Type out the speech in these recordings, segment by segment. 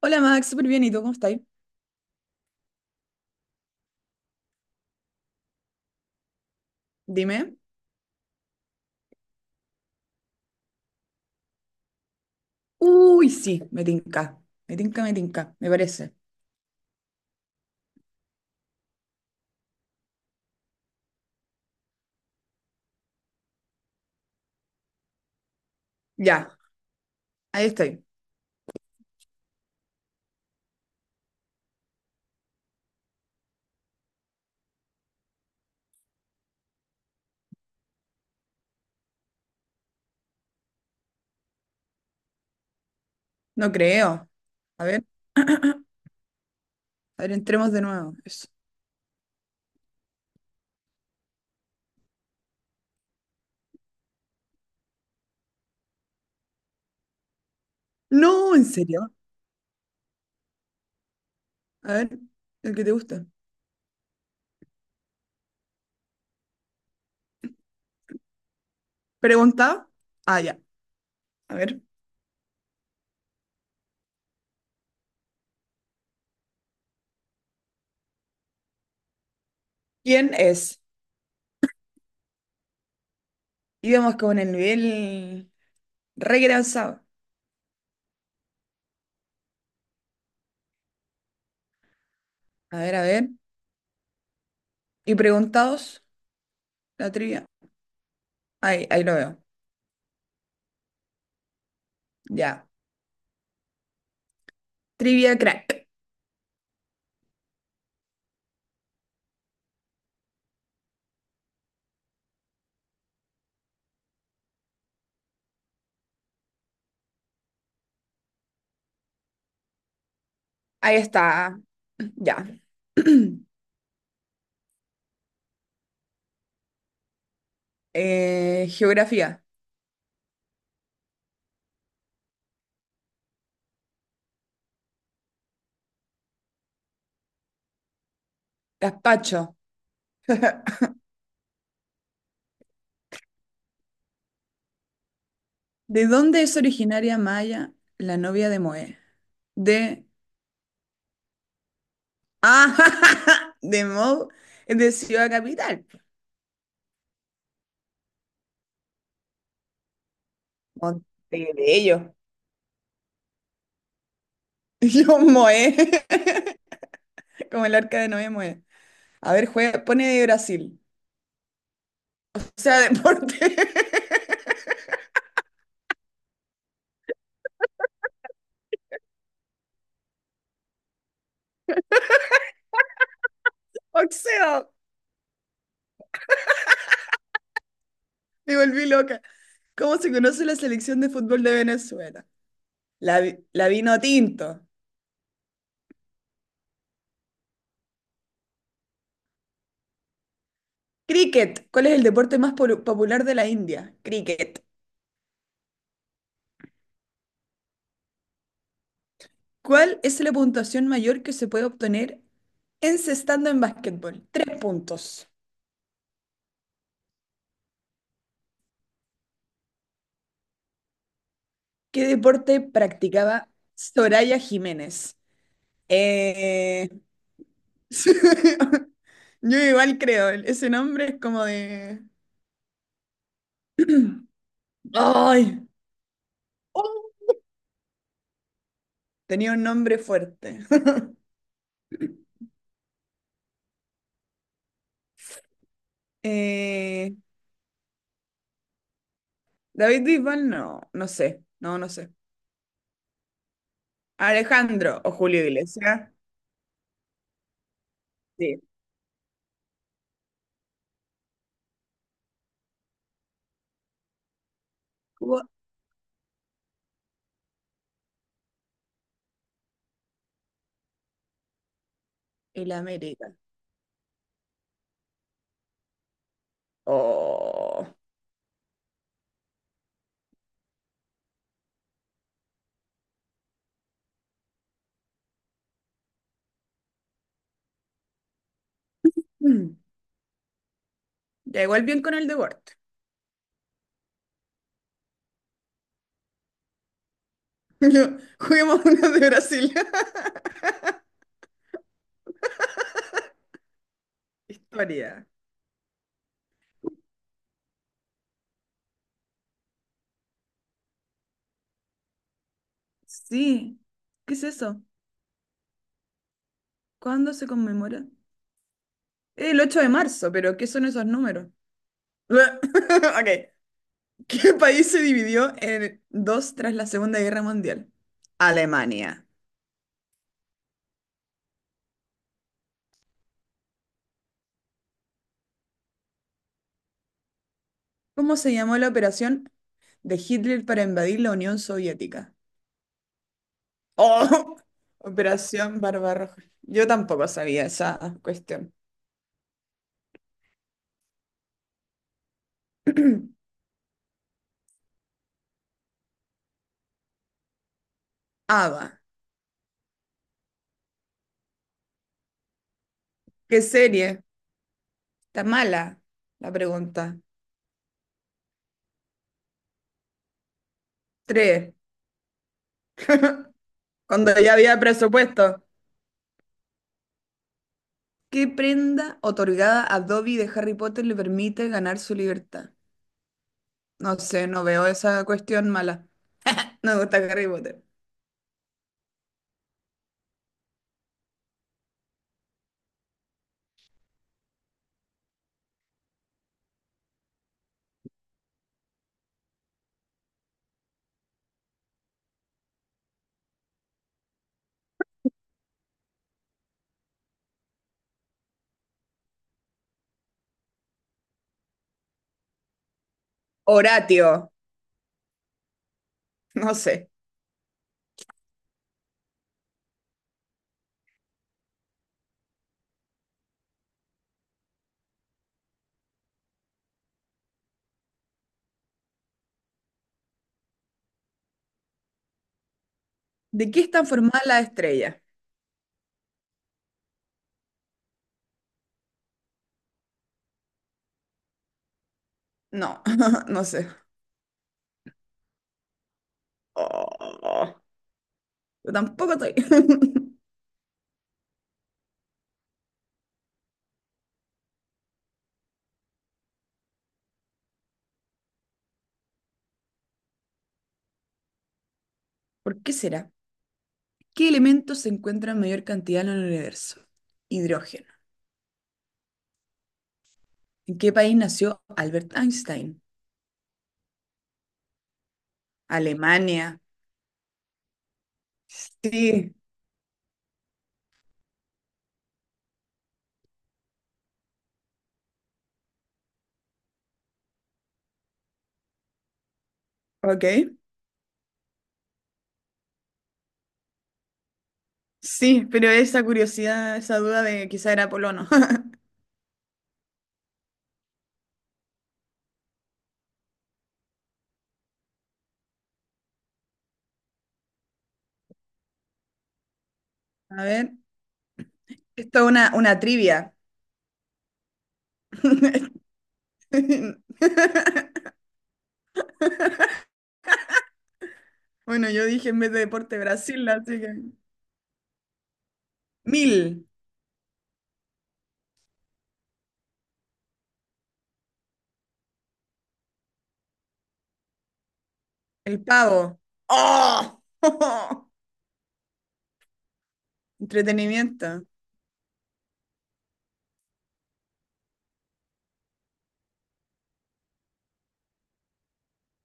Hola Max, súper bien. ¿Y tú cómo estás? Dime. Uy, sí, me tinca. Me tinca, me tinca, me parece. Ya, ahí estoy. No creo. A ver. A ver, entremos de nuevo. Eso. No, ¿en serio? A ver, el que te gusta. Pregunta. Ah, ya. A ver. ¿Quién es? Íbamos con el nivel re que avanzado. A ver, a ver. Y preguntados, la trivia. Ahí lo veo. Ya. Trivia crack. Ahí está. Ya. Geografía. Gazpacho. ¿De dónde es originaria Maya, la novia de Moe? De... Ah, de Mo, es de Ciudad Capital. Montevideo. Yo Moe, como el arca de Noé Moe. A ver, juega, pone de Brasil. O sea, deporte. Boxeo. Me volví loca. ¿Cómo se conoce la selección de fútbol de Venezuela? La vino tinto. Cricket. ¿Cuál es el deporte más popular de la India? Cricket. ¿Cuál es la puntuación mayor que se puede obtener encestando en básquetbol? 3 puntos. ¿Qué deporte practicaba Soraya Jiménez? Eh, Yo igual creo, ese nombre es como de... ¡Ay! ¡Oh! Tenía un nombre fuerte. Eh, David Bisbal, no, no sé, no, no sé. Alejandro o Julio Iglesias. Sí. El América. Oh. Mm. Ya igual bien con el deporte. Juguemos uno de Brasil. Historia. Sí. ¿Qué es eso? ¿Cuándo se conmemora? El 8 de marzo, pero ¿qué son esos números? Ok. ¿Qué país se dividió en dos tras la Segunda Guerra Mundial? Alemania. ¿Cómo se llamó la operación de Hitler para invadir la Unión Soviética? Oh, Operación Barbarroja. Yo tampoco sabía esa cuestión. Ava, ¿qué serie? ¿Está mala? La pregunta. Tres. Cuando ya había presupuesto. ¿Qué prenda otorgada a Dobby de Harry Potter le permite ganar su libertad? No sé, no veo esa cuestión mala. No me gusta Harry Potter. Horatio, no sé. ¿De qué están formadas las estrellas? No, no sé. Oh, yo tampoco estoy. ¿Por qué será? ¿Qué elemento se encuentra en mayor cantidad en el universo? Hidrógeno. ¿En qué país nació Albert Einstein? Alemania. Sí, ok. Sí, pero esa curiosidad, esa duda de quizá era polono. A ver, esto es una trivia. Bueno, yo dije en vez de deporte Brasil, así que... 1.000, el pavo. ¡Oh! Entretenimiento.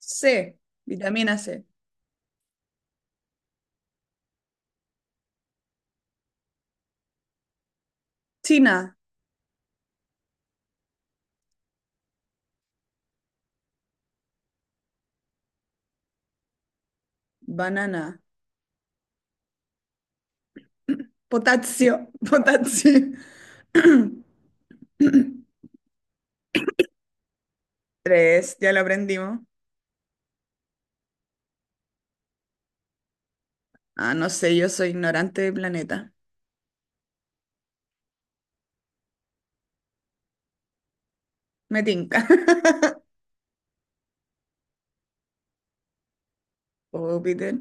C, vitamina C. China, banana. Potasio, potasio. Tres, ya lo aprendimos. Ah, no sé, yo soy ignorante de planeta. Me tinca. Júpiter.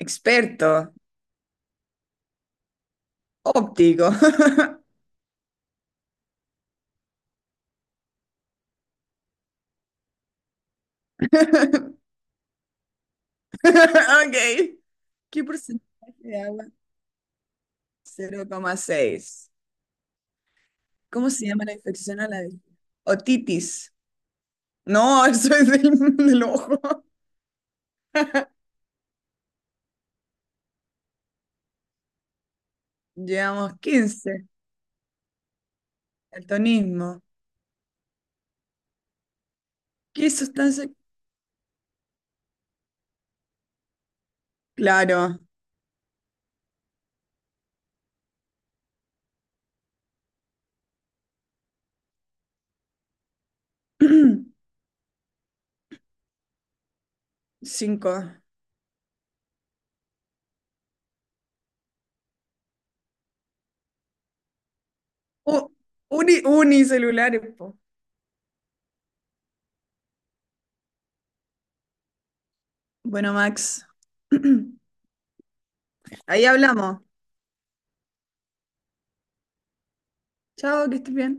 Experto. Óptico. Ok. ¿Qué porcentaje de agua? 0,6. ¿Cómo se llama la infección a la vez? Otitis. No, eso es del, del ojo. Llevamos 15. Daltonismo. ¿Qué sustancia? Claro. 5. U- unicelulares, po. Bueno, Max, ahí hablamos. Chao, que estés bien.